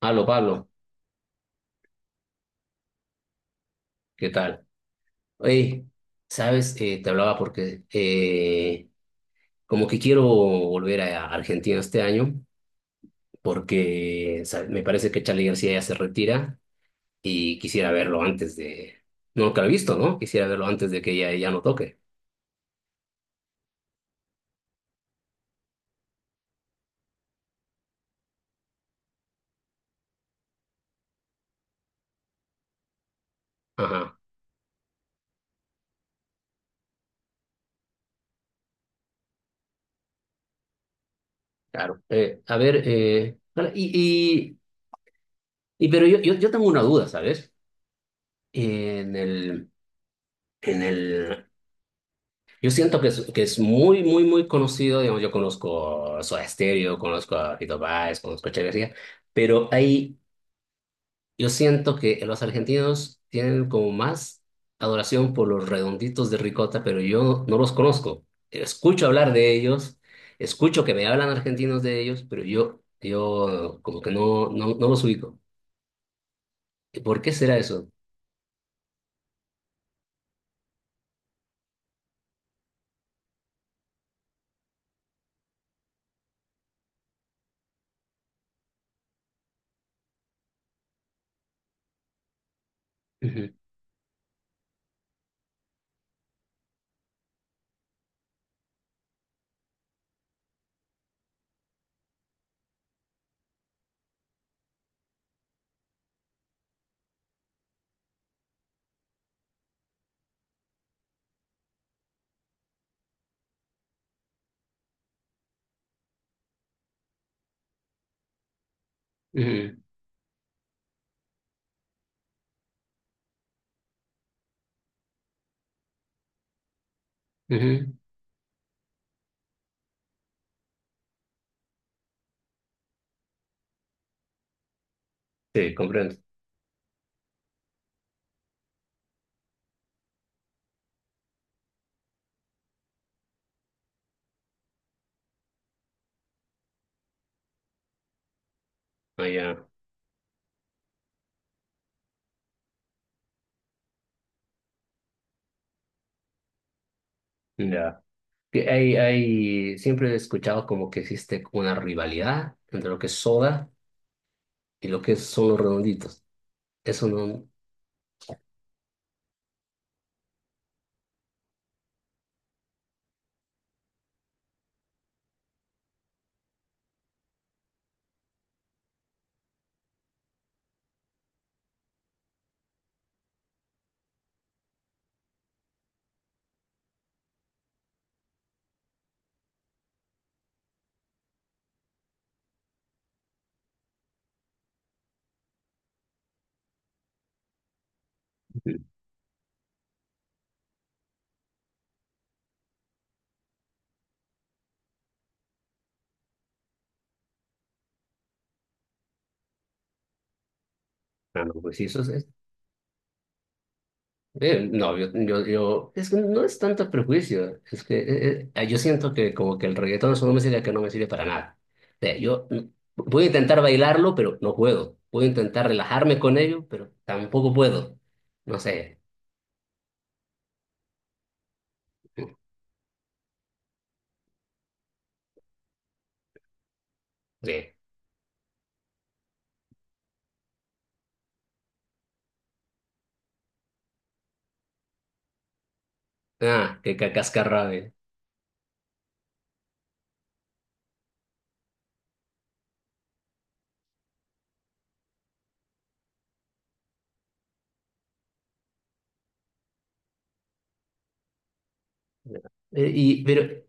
Aló, Pablo, ¿qué tal? Oye, sabes, te hablaba porque como que quiero volver a Argentina este año porque ¿sabes? Me parece que Charly García ya se retira y quisiera verlo antes de. No, nunca lo he visto, ¿no? Quisiera verlo antes de que ya, ya no toque. Ajá, claro. A ver, vale, pero yo tengo una duda, ¿sabes? En el, en el Yo siento que es muy, muy, muy conocido. Digamos, yo conozco Soda Stereo, conozco a Fito Páez, conozco a Che García, pero ahí yo siento que los argentinos tienen como más adoración por los Redonditos de Ricota, pero yo no los conozco. Escucho hablar de ellos, escucho que me hablan argentinos de ellos, pero yo como que no los ubico. ¿Por qué será eso? Ujú, ujú, ujú. Sí, comprendo. Ah, ya, ya. Siempre he escuchado como que existe una rivalidad entre lo que es Soda y lo que son los Redonditos. Eso no. Ah, no, pues sí, no, es que no es tanto prejuicio. Es que yo siento que como que el reggaetón es una música que no me sirve para nada. O sea, yo puedo intentar bailarlo, pero no puedo. Puedo intentar relajarme con ello, pero tampoco puedo. No sé. mm, eh, Ah, qué cascarrabe. Eh, y, pero,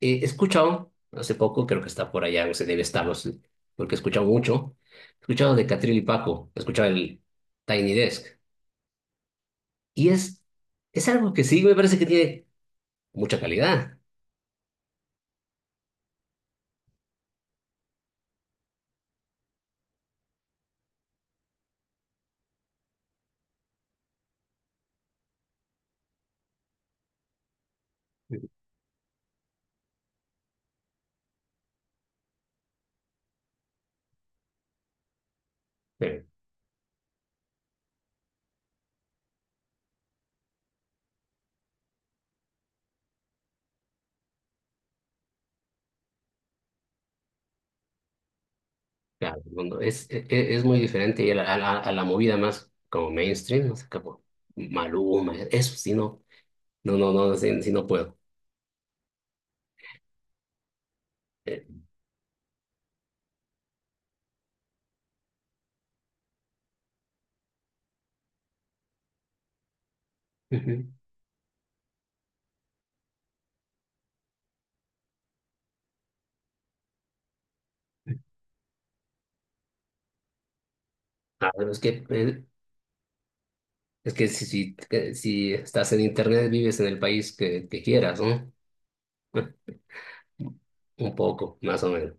He escuchado hace poco, creo que está por allá, se debe estar, no sé, porque he escuchado mucho. He escuchado de Catril y Paco, he escuchado el Tiny Desk. Y es algo que sí me parece que tiene mucha calidad. Pero, claro, el mundo es muy diferente, y a la, movida más como mainstream, no sé, como Maluma. Eso sí, no, no, no, no, sí, sí no puedo. Eh, Ujú. Ah, pero es que que si estás en internet, vives en el país que, quieras, ¿no? Un poco, más o menos.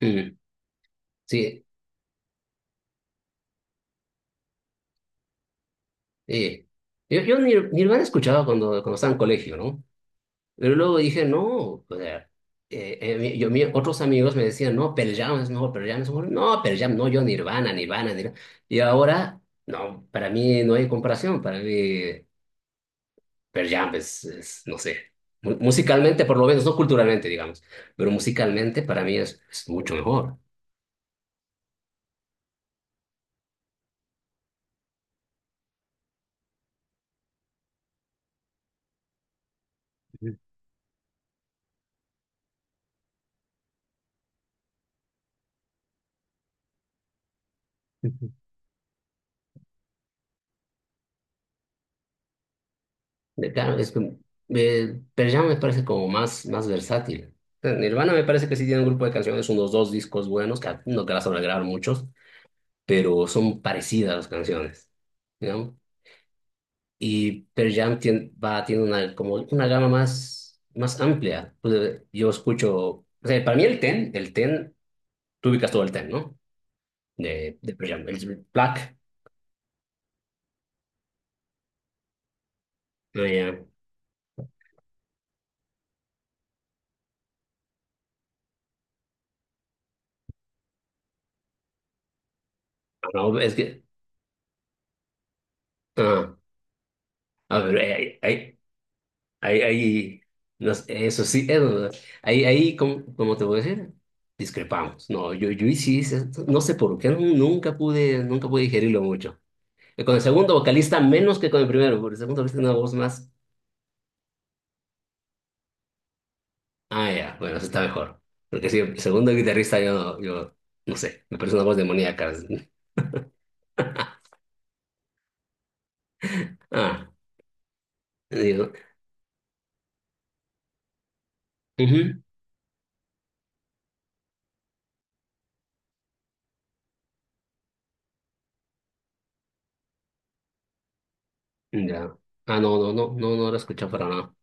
Mm. Sí, eh, yo, yo Nirvana escuchaba cuando estaba en colegio, ¿no? Pero luego dije, no, o sea, otros amigos me decían, no, Pearl Jam es mejor, Pearl Jam es mejor. No, Pearl Jam, no, yo Nirvana, Nirvana, Nirvana. Y ahora, no, para mí no hay comparación. Para mí Pearl Jam es, no sé, musicalmente por lo menos, no culturalmente, digamos, pero musicalmente para mí es mucho mejor. Claro, es que Pearl Jam me parece como más, más versátil. O sea, Nirvana me parece que sí tiene un grupo de canciones, unos dos discos buenos, que no que las van a grabar muchos, pero son parecidas las canciones, ¿no? Y Pearl Jam tiene, va, tiene una, como una gama más, más amplia. Pues, yo escucho, o sea, para mí el Ten, tú ubicas todo el Ten, ¿no? De Pearl Jam, el Black, eh, ah, no, es que, ah, a ver, ahí, ahí, no sé, eso sí, eso, ahí, ahí, ¿cómo te voy a decir? Discrepamos. No, yo sí, no sé por qué, nunca pude, nunca pude digerirlo mucho. Con el segundo vocalista menos que con el primero, porque el segundo vocalista tiene una voz más. Ah, ya, bueno, eso está mejor. Porque sí, el segundo guitarrista yo, yo, no sé, me parece una voz demoníaca. Ah, digo, ujú, ya. Ah, no, no, no, no, no lo escuché para nada.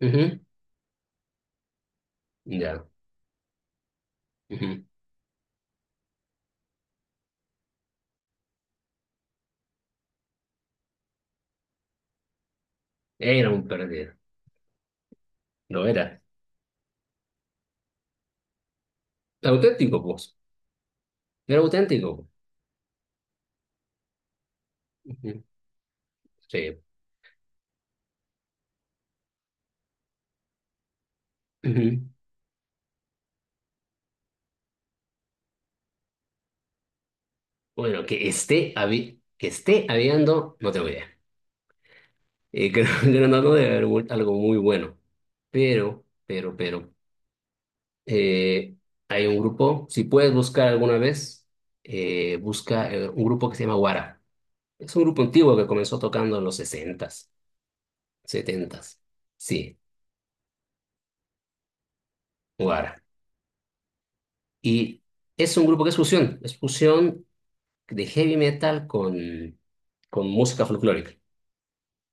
Ujú, ya, ujú. Era un perdido, lo era. Auténtico, pues. Pero auténtico. Ujú, sí. Ujú. Bueno, que esté habiendo, no tengo idea. Creo que no debe haber algo algo muy bueno. Pero, pero, pero, eh, Hay un grupo, si puedes buscar alguna vez, busca un grupo que se llama Guara. Es un grupo antiguo que comenzó tocando en los 60s 70s. Sí, Guara. Y es un grupo que es fusión de heavy metal con, música folclórica.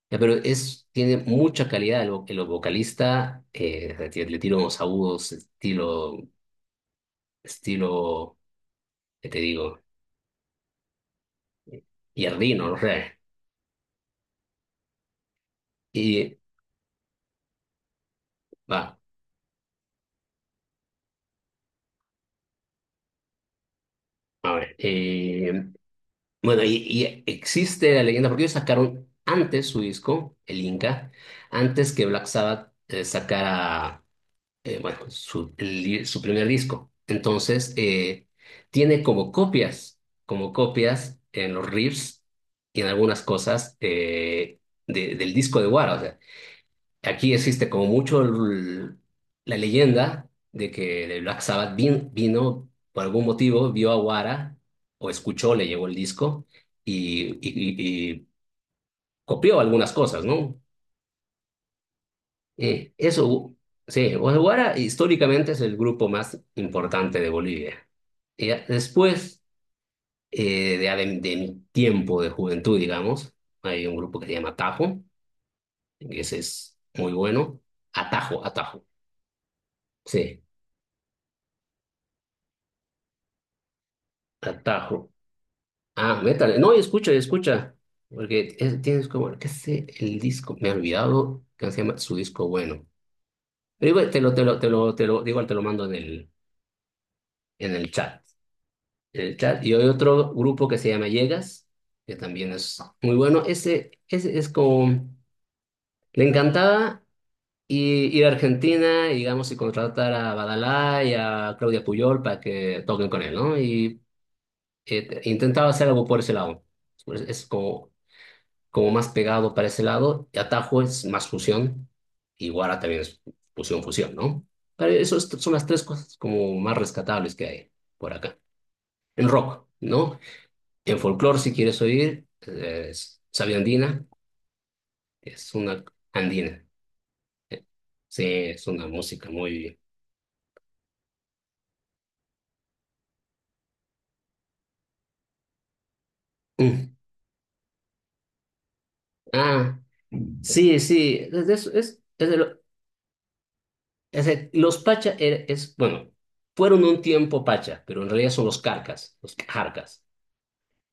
Ya, pero tiene mucha calidad el vocalista. Le tiro unos agudos, estilo, ¿qué te digo? Yardino, no sé. Y va, a ver. Bueno, existe la leyenda, porque ellos sacaron antes su disco, el Inca, antes que Black Sabbath sacara bueno, su, el di- su primer disco. Entonces, tiene como copias en los riffs y en algunas cosas, del disco de Wara. O sea, aquí existe como mucho la leyenda de Black Sabbath vino, por algún motivo, vio a Wara, o escuchó, le llegó el disco y, y, y- y copió algunas cosas, ¿no? Eso, sí, Guara históricamente es el grupo más importante de Bolivia. Y ya después de mi tiempo de juventud, digamos, hay un grupo que se llama Atajo, que ese es muy bueno. Atajo, Atajo, sí, Atajo. Ah, métale, no, y escucha, porque tienes como, qué sé, el disco, me he olvidado que se llama su disco bueno. Pero igual te lo, igual te lo mando en el chat. Y hay otro grupo que se llama Llegas, que también es muy bueno. Ese es como, le encantaba ir a Argentina, digamos, y contratar a Badalá y a Claudia Puyol para que toquen con él, ¿no? Y intentaba hacer algo por ese lado. Pues es como más pegado para ese lado. Y Atajo es más fusión. Y Guara también es fusión, fusión, ¿no? Pero son las tres cosas como más rescatables que hay por acá. En rock, ¿no? En folclore, si quieres oír, es Sabia Andina, es una andina. Eh, Sí, es una música muy... Mm. Ah, sí, sí, es de lo- es de- los Pacha, es, bueno, fueron un tiempo Pacha, pero en realidad son los Carcas, los Jarcas.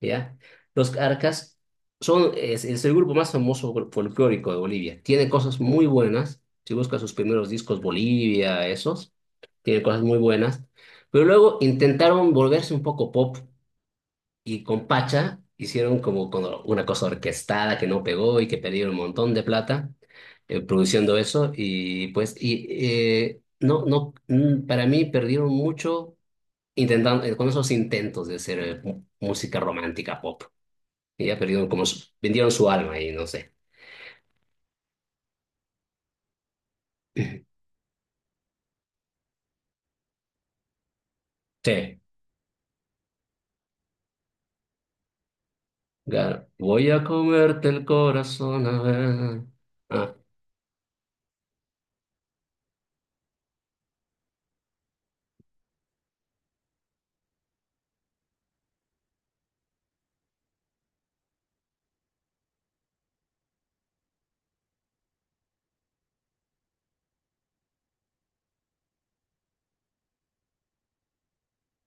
¿Ya? Los Arcas son, es el grupo más famoso folclórico de Bolivia. Tiene cosas muy buenas. Si buscas sus primeros discos Bolivia, esos, tiene cosas muy buenas. Pero luego intentaron volverse un poco pop y con Pacha hicieron como con una cosa orquestada que no pegó y que perdieron un montón de plata produciendo eso y pues y no no mm, para mí perdieron mucho intentando con esos intentos de hacer música romántica pop, que ya perdieron como vendieron su alma y no sé. Sí. Claro. Voy a comerte el corazón a ver. Ah,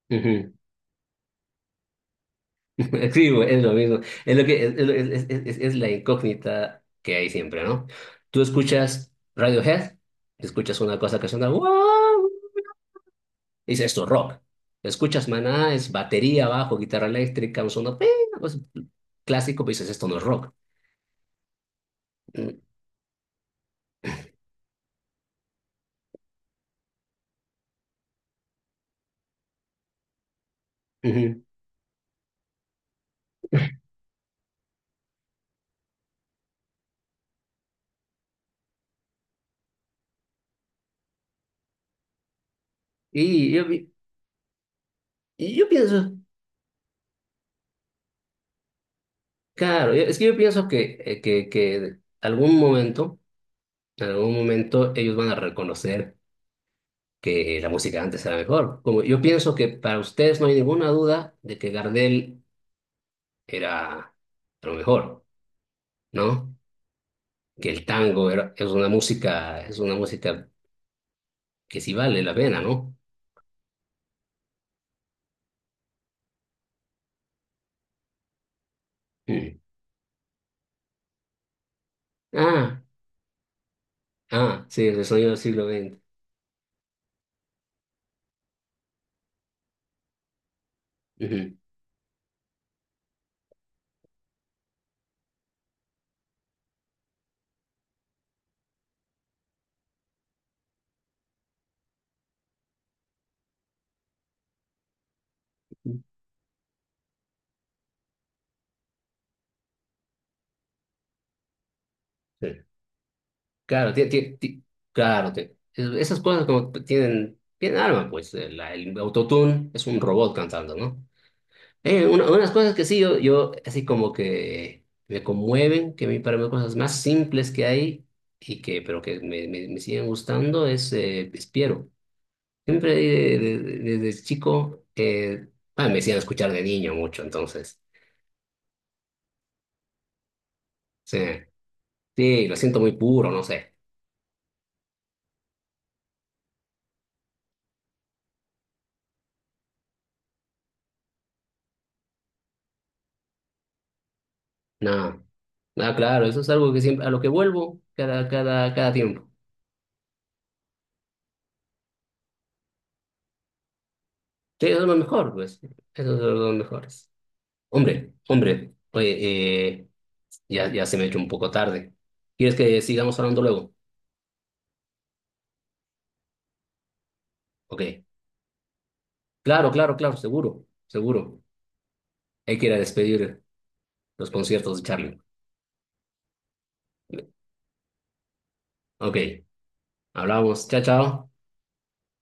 ujú. Sí, güey, es lo mismo. Es lo que es la incógnita que hay siempre, ¿no? Tú escuchas Radiohead, escuchas una cosa que suena wow, dices esto es rock. Escuchas Maná, es batería, bajo, guitarra eléctrica, un sonido "ping", una cosa clásico, pero dices esto no es rock. Mm, ujú. Y yo, pi- y yo pienso. Claro, es que yo pienso que, que algún momento, en algún momento ellos van a reconocer que la música de antes era mejor. Como yo pienso que para ustedes no hay ninguna duda de que Gardel era lo mejor, ¿no? Que el tango era, es una música que sí vale la pena, ¿no? Mm. Ah, ah, sí, el sonido del siglo XX. Ujú. Sí. Claro, esas cosas como que tienen alma, pues el autotune es un robot cantando, ¿no? Unas cosas que sí, yo así como que me conmueven, que a mí para mí cosas más simples que hay, y que, pero que me siguen gustando, es Piero. Siempre desde chico, ah, me hacían escuchar de niño mucho, entonces, sí, sí, lo siento muy puro, no sé. No. Ah, claro, eso es algo que siempre, a lo que vuelvo cada, cada, cada tiempo. Sí, eso es lo mejor, pues. Eso es lo mejor. Hombre, hombre, oye, ya, ya se me ha hecho un poco tarde. ¿Quieres que sigamos hablando luego? Ok. Claro, claro, claro, seguro, seguro. Hay que ir a despedir los conciertos de Charlie. Ok, hablamos. Chao, chao.